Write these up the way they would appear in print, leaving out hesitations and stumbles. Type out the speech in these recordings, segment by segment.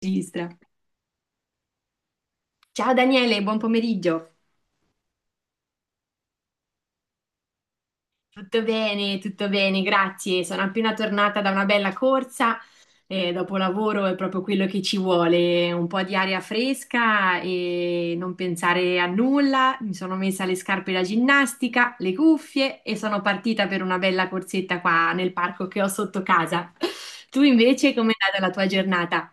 Registra. Ciao Daniele, buon pomeriggio. Tutto bene, grazie. Sono appena tornata da una bella corsa e dopo lavoro è proprio quello che ci vuole, un po' di aria fresca e non pensare a nulla. Mi sono messa le scarpe da ginnastica, le cuffie e sono partita per una bella corsetta qua nel parco che ho sotto casa. Tu invece, com'è andata la tua giornata?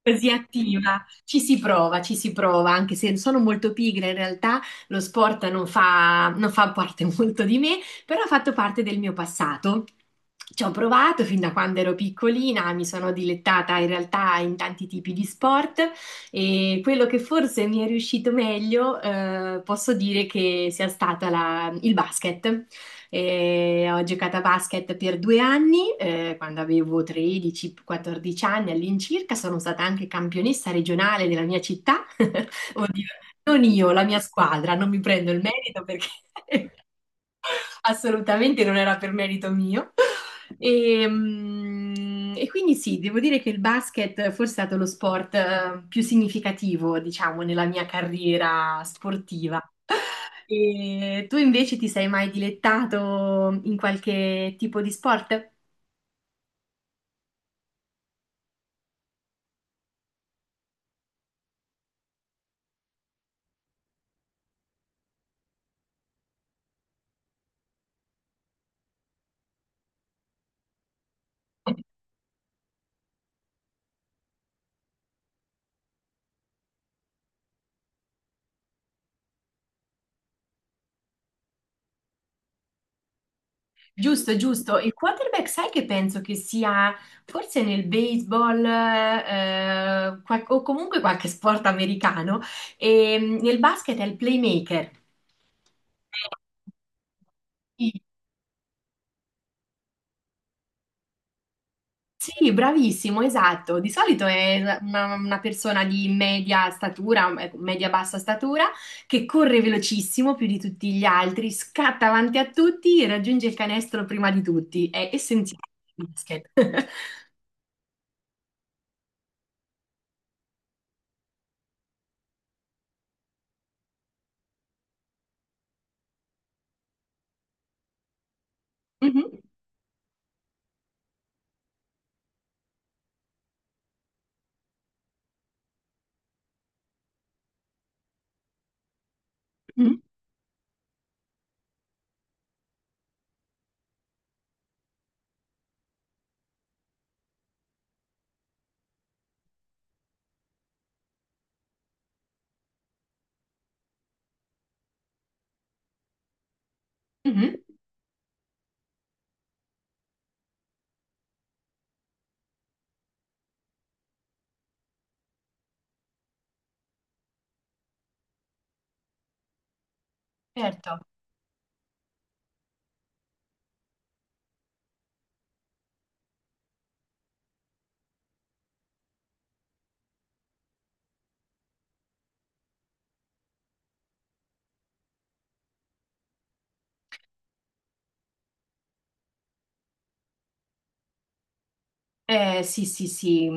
Così attiva, ci si prova, anche se sono molto pigra in realtà, lo sport non fa parte molto di me, però ha fatto parte del mio passato. Ci ho provato fin da quando ero piccolina, mi sono dilettata in realtà in tanti tipi di sport e quello che forse mi è riuscito meglio, posso dire che sia stata il basket. E ho giocato a basket per due anni, quando avevo 13-14 anni all'incirca, sono stata anche campionessa regionale della mia città. Oddio, non io, la mia squadra, non mi prendo il merito perché assolutamente non era per merito mio. E, e quindi sì, devo dire che il basket forse è stato lo sport più significativo, diciamo, nella mia carriera sportiva. E tu invece ti sei mai dilettato in qualche tipo di sport? Giusto, giusto. Il quarterback, sai che penso che sia forse nel baseball, qual- o comunque qualche sport americano e nel basket è il playmaker. Sì, bravissimo, esatto. Di solito è una persona di media statura, ecco, media-bassa statura, che corre velocissimo più di tutti gli altri, scatta avanti a tutti, raggiunge il canestro prima di tutti. È essenziale il basket. Mhm, mhm, mhm. Certo. Sì, sì, sì.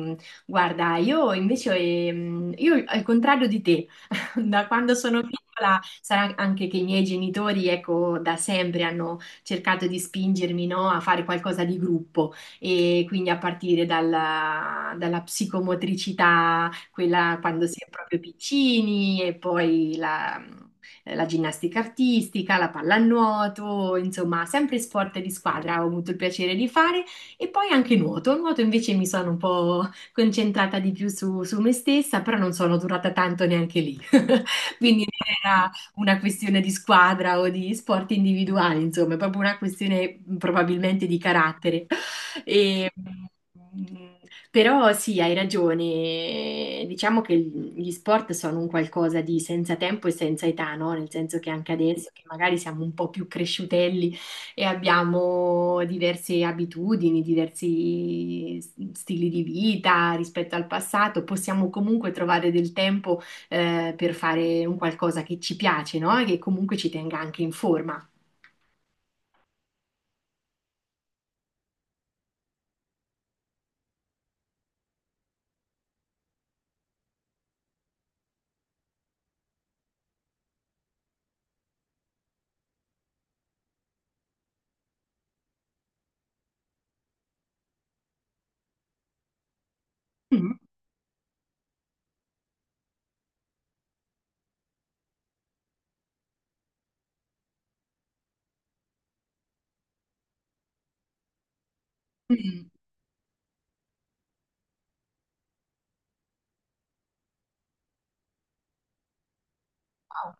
Guarda, io invece, io al contrario di te, da quando sono piccola, sarà anche che i miei genitori, ecco, da sempre hanno cercato di spingermi, no, a fare qualcosa di gruppo e quindi a partire dalla psicomotricità, quella quando si è proprio piccini e poi la ginnastica artistica, la pallanuoto, insomma, sempre sport di squadra ho avuto il piacere di fare e poi anche nuoto. Nuoto invece mi sono un po' concentrata di più su me stessa, però non sono durata tanto neanche lì. Quindi non era una questione di squadra o di sport individuali, insomma, è proprio una questione probabilmente di carattere. E, però sì, hai ragione. Diciamo che gli sport sono un qualcosa di senza tempo e senza età, no? Nel senso che anche adesso, che magari siamo un po' più cresciutelli e abbiamo diverse abitudini, diversi s- stili di vita rispetto al passato, possiamo comunque trovare del tempo, per fare un qualcosa che ci piace, no? E che comunque ci tenga anche in forma. Mm. Mm. Wow.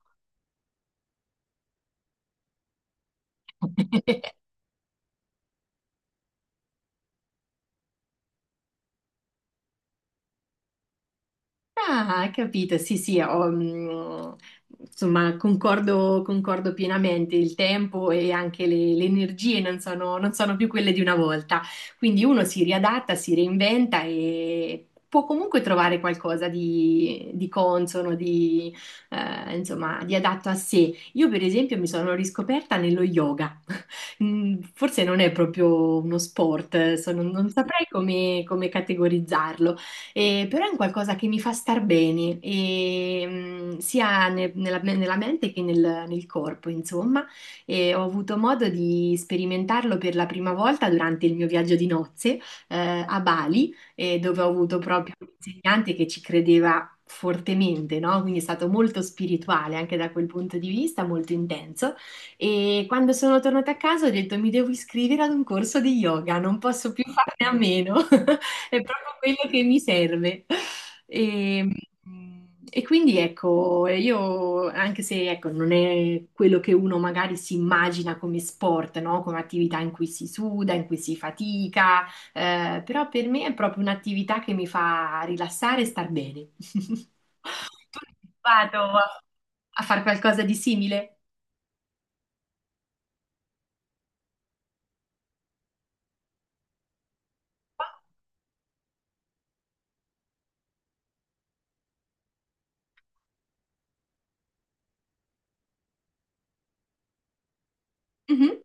Ah, capito, sì, sì, ho, insomma, concordo, concordo pienamente, il tempo e anche le energie non sono più quelle di una volta, quindi uno si riadatta, si reinventa e può comunque trovare qualcosa di consono, di, insomma, di adatto a sé. Io, per esempio, mi sono riscoperta nello yoga. Mm, forse non è proprio uno sport, non saprei come categorizzarlo. Però è un qualcosa che mi fa star bene, e, sia nella mente che nel corpo, insomma. E ho avuto modo di sperimentarlo per la prima volta durante il mio viaggio di nozze, a Bali, dove ho avuto proprio un insegnante che ci credeva fortemente, no? Quindi è stato molto spirituale anche da quel punto di vista, molto intenso. E quando sono tornata a casa ho detto mi devo iscrivere ad un corso di yoga, non posso più farne a meno. È proprio quello che mi serve. E, e quindi ecco, io anche se ecco, non è quello che uno magari si immagina come sport, no? Come attività in cui si suda, in cui si fatica, però per me è proprio un'attività che mi fa rilassare e star bene. Tu vado a, a fare qualcosa di simile? Mhm.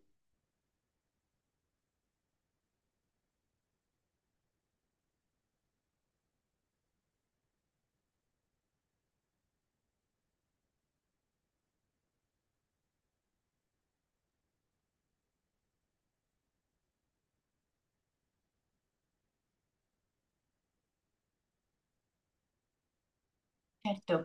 Certo,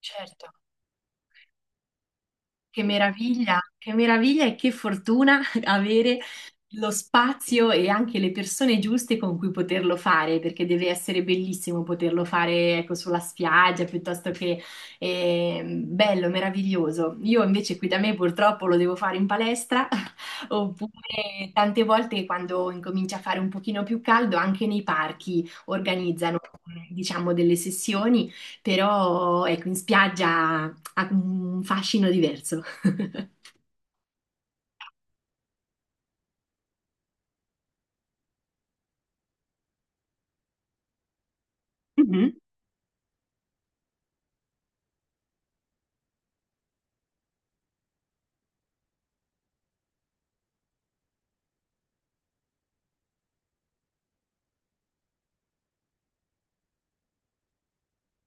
certo. Che meraviglia e che fortuna avere lo spazio e anche le persone giuste con cui poterlo fare, perché deve essere bellissimo poterlo fare, ecco, sulla spiaggia piuttosto che, bello, meraviglioso. Io invece qui da me purtroppo lo devo fare in palestra, oppure tante volte quando incomincia a fare un pochino più caldo, anche nei parchi organizzano, diciamo, delle sessioni, però ecco, in spiaggia ha un fascino diverso. Mhm,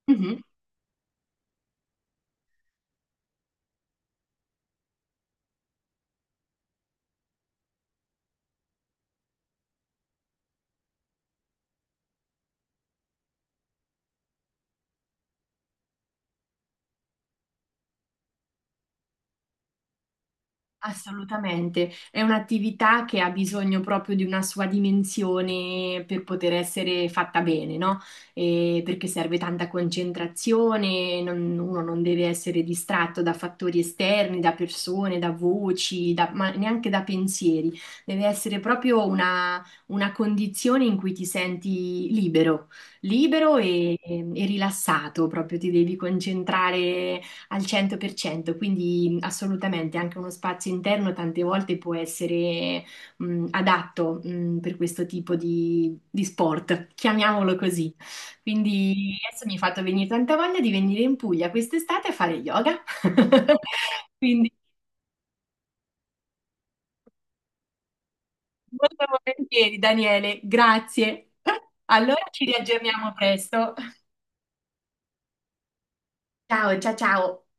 mhm. Assolutamente, è un'attività che ha bisogno proprio di una sua dimensione per poter essere fatta bene, no? E perché serve tanta concentrazione, non- uno non deve essere distratto da fattori esterni, da persone, da voci, da- ma neanche da pensieri. Deve essere proprio una condizione in cui ti senti libero, libero e rilassato, proprio ti devi concentrare al 100%, quindi assolutamente anche uno spazio interno tante volte può essere adatto per questo tipo di sport, chiamiamolo così. Quindi adesso mi hai fatto venire tanta voglia di venire in Puglia quest'estate a fare yoga. Quindi molto volentieri, Daniele, grazie. Allora ci riaggiorniamo presto. Ciao, ciao, ciao.